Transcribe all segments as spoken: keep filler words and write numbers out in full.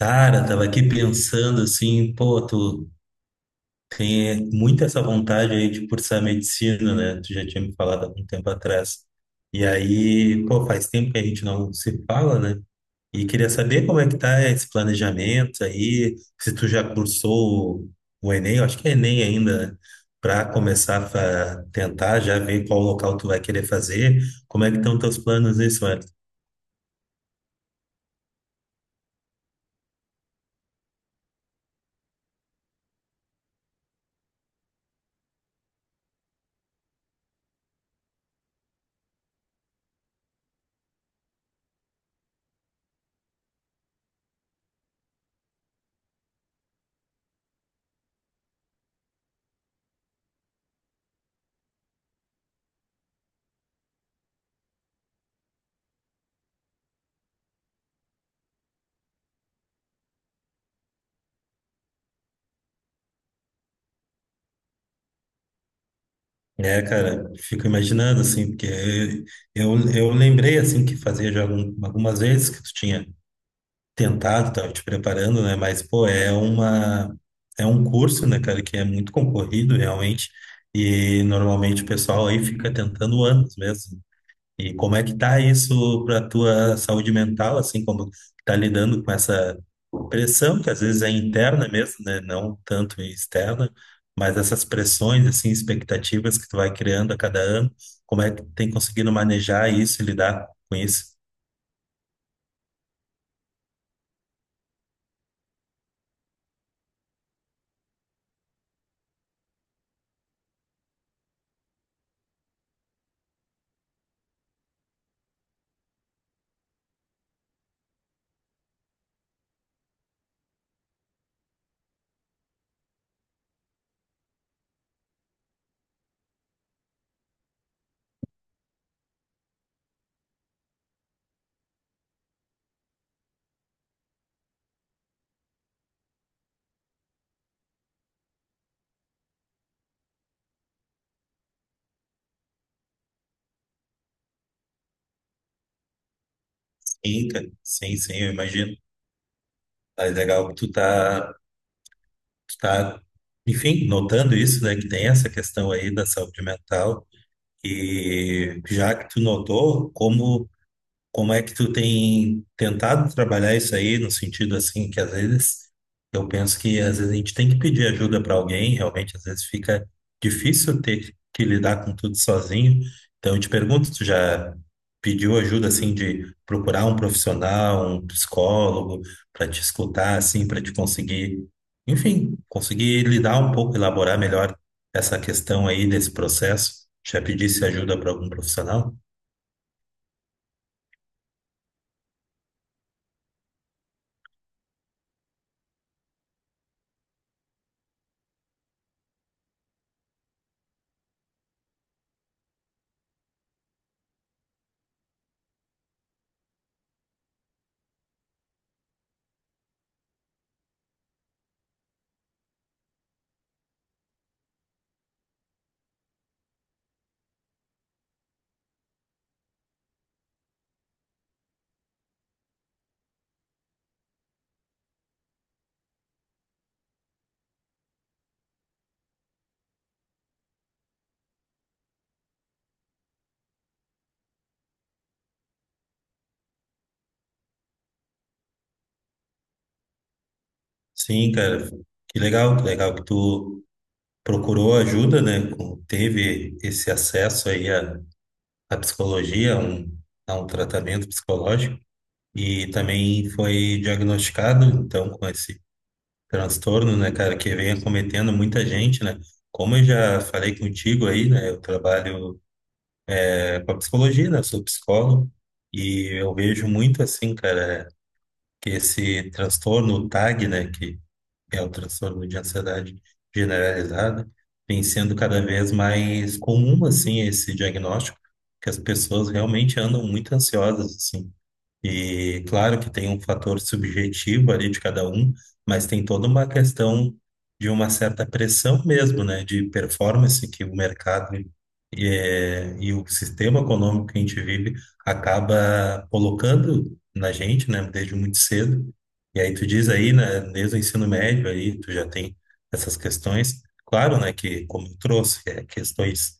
Cara, tava aqui pensando assim, pô, tu tem muito essa vontade aí de cursar medicina, né? Tu já tinha me falado há um tempo atrás. E aí, pô, faz tempo que a gente não se fala, né? E queria saber como é que tá esse planejamento aí, se tu já cursou o o Enem, eu acho que é Enem ainda, para começar a fa- tentar já ver qual local tu vai querer fazer. Como é que estão teus planos nisso? É, cara, fico imaginando, assim, porque eu, eu lembrei, assim, que fazia já algum- algumas vezes que tu tinha tentado, tava te preparando, né? Mas, pô, é uma, é um curso, né, cara, que é muito concorrido, realmente, e normalmente o pessoal aí fica tentando anos mesmo. E como é que tá isso pra tua saúde mental, assim, como tá lidando com essa pressão que às vezes é interna mesmo, né? Não tanto externa, mas essas pressões, assim, expectativas que tu vai criando a cada ano, como é que tem conseguido manejar isso e lidar com isso? Sim, cara. Sim, sim, eu imagino. É legal que tu tá, tu tá, enfim, notando isso, né? Que tem essa questão aí da saúde mental e já que tu notou, como como é que tu tem tentado trabalhar isso aí, no sentido assim, que às vezes eu penso que às vezes a gente tem que pedir ajuda para alguém, realmente às vezes fica difícil ter que lidar com tudo sozinho. Então eu te pergunto, tu já pediu ajuda assim de procurar um profissional, um psicólogo para te escutar assim, para te conseguir, enfim, conseguir lidar um pouco, elaborar melhor essa questão aí desse processo? Já pedisse ajuda para algum profissional? Sim, cara, que legal, que legal que tu procurou ajuda, né? com- Teve esse acesso aí à, à psicologia, a um, a um tratamento psicológico e também foi diagnosticado, então, com esse transtorno, né, cara, que vem acometendo muita gente, né? Como eu já falei contigo aí, né? Eu trabalho é, com a psicologia, né? Eu sou psicólogo e eu vejo muito assim, cara, que esse transtorno, o TAG, né? Que é o transtorno de ansiedade generalizada, vem sendo cada vez mais comum, assim, esse diagnóstico, que as pessoas realmente andam muito ansiosas, assim. E claro que tem um fator subjetivo ali de cada um, mas tem toda uma questão de uma certa pressão mesmo, né, de performance que o mercado eh, e, o sistema econômico que a gente vive acaba colocando na gente, né, desde muito cedo. E aí tu diz aí, né, desde o ensino médio aí tu já tem essas questões. Claro, né, que como eu trouxe, é questões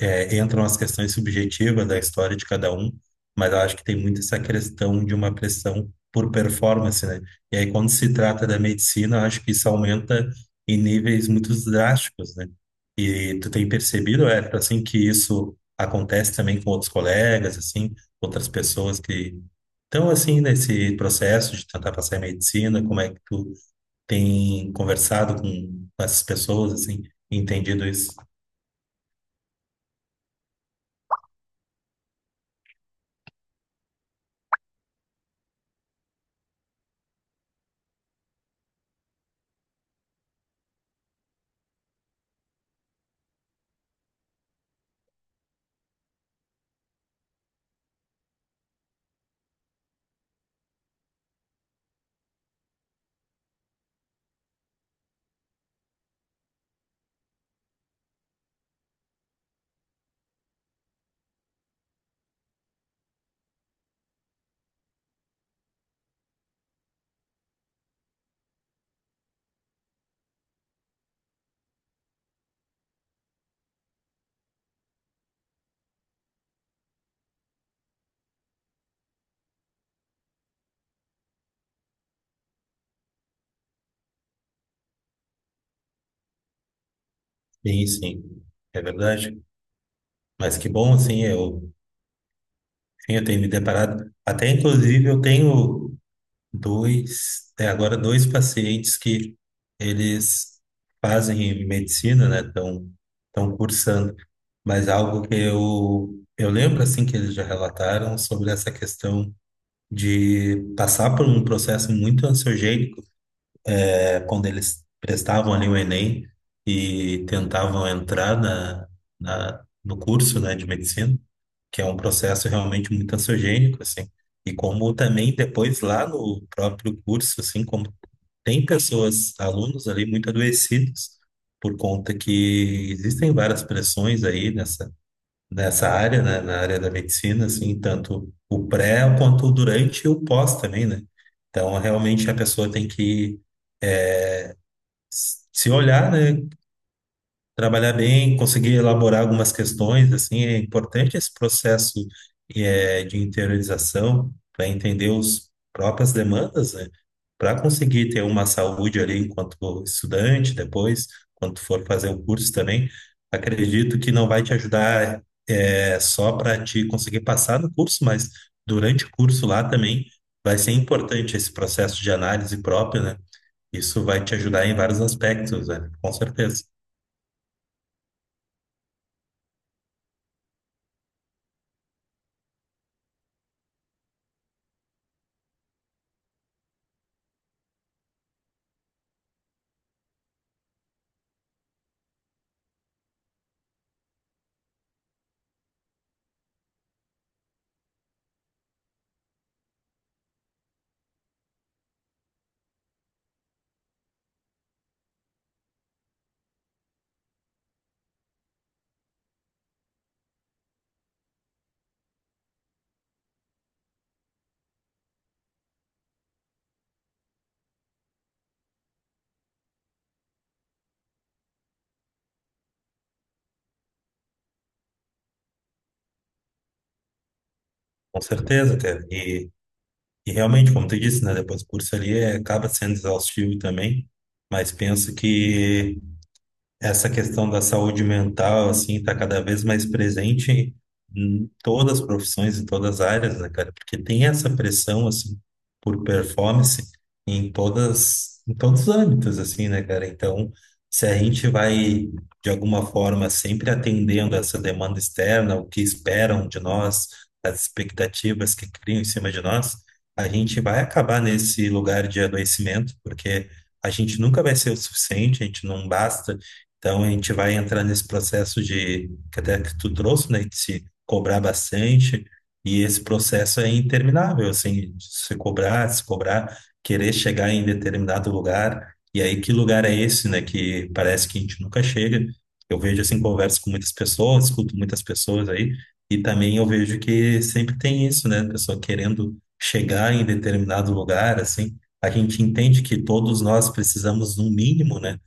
é, entram as questões subjetivas da história de cada um, mas eu acho que tem muito essa questão de uma pressão por performance, né? E aí, quando se trata da medicina, eu acho que isso aumenta em níveis muito drásticos, né? E tu tem percebido, é, assim, que isso acontece também com outros colegas, assim, outras pessoas que estão, assim, nesse processo de tentar passar em medicina, como é que tu tem conversado com essas pessoas, assim, entendido isso? Sim, sim, é verdade. Mas que bom, assim, eu, enfim, eu tenho me deparado. Até, inclusive, eu tenho dois, até agora, dois pacientes que eles fazem medicina, né? Estão estão cursando. Mas algo que eu, eu lembro, assim, que eles já relataram sobre essa questão de passar por um processo muito ansiogênico quando eles prestavam ali o Enem e tentavam entrar na, na, no curso, né, de medicina, que é um processo realmente muito ansiogênico, assim. E como também depois lá no próprio curso, assim, como tem pessoas, alunos ali muito adoecidos por conta que existem várias pressões aí nessa, nessa área, né, na área da medicina, assim, tanto o pré quanto o durante e o pós também, né? Então, realmente a pessoa tem que se olhar, né, trabalhar bem, conseguir elaborar algumas questões, assim, é importante esse processo eh, de interiorização para entender os próprias demandas, né, para conseguir ter uma saúde ali enquanto estudante, depois, quando for fazer o curso também, acredito que não vai te ajudar eh, só para te conseguir passar no curso, mas durante o curso lá também vai ser importante esse processo de análise própria, né? Isso vai te ajudar em vários aspectos, velho. Com certeza. Com certeza, cara. E, e realmente, como tu disse, né? Depois o curso ali é, acaba sendo exaustivo também, mas penso que. Essa questão da saúde mental, assim, está cada vez mais presente em todas as profissões, em todas as áreas, né, cara? Porque tem essa pressão, assim, por performance em todas, em todos os âmbitos, assim, né, cara? Então, se a gente vai, de alguma forma, sempre atendendo essa demanda externa, o que esperam de nós, as expectativas que criam em cima de nós, a gente vai acabar nesse lugar de adoecimento, porque a gente nunca vai ser o suficiente, a gente não basta então, a gente vai entrar nesse processo de, que até que tu trouxe, né, de se cobrar bastante, e esse processo é interminável, assim, de se cobrar, se cobrar, querer chegar em determinado lugar, e aí que lugar é esse, né, que parece que a gente nunca chega. Eu vejo, assim, converso com muitas pessoas, escuto muitas pessoas aí, e também eu vejo que sempre tem isso, né, a pessoa querendo chegar em determinado lugar, assim, a gente entende que todos nós precisamos, no mínimo, né,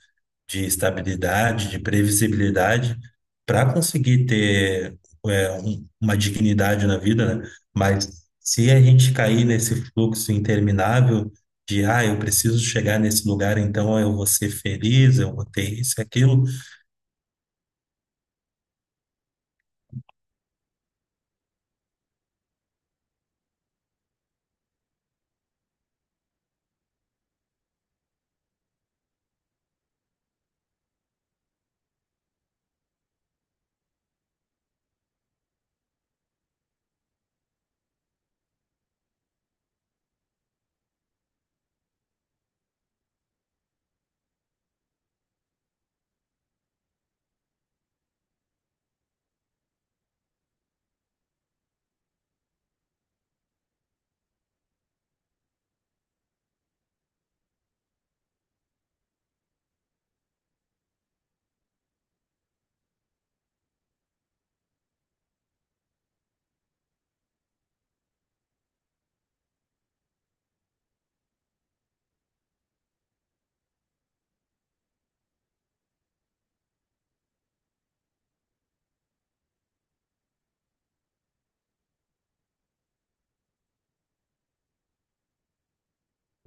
de estabilidade, de previsibilidade, para conseguir ter é, um- uma dignidade na vida, né? Mas se a gente cair nesse fluxo interminável de, ah, eu preciso chegar nesse lugar, então eu vou ser feliz, eu vou ter isso e aquilo,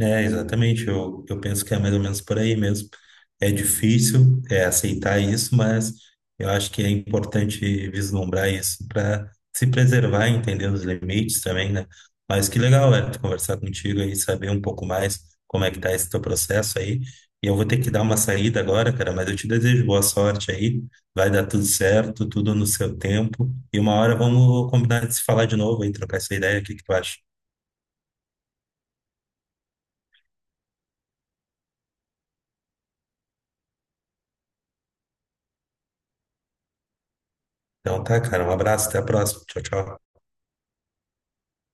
é, exatamente. Eu, eu penso que é mais ou menos por aí mesmo. É difícil é, aceitar isso, mas eu acho que é importante vislumbrar isso para se preservar, entender os limites também, né? Mas que legal, Hélio, conversar contigo aí, saber um pouco mais como é que tá esse teu processo aí. E eu vou ter que dar uma saída agora, cara, mas eu te desejo boa sorte aí. Vai dar tudo certo, tudo no seu tempo. E uma hora vamos combinar de se falar de novo e trocar essa ideia. O que que tu acha? Então tá, cara, um abraço, até a próxima. Tchau, tchau.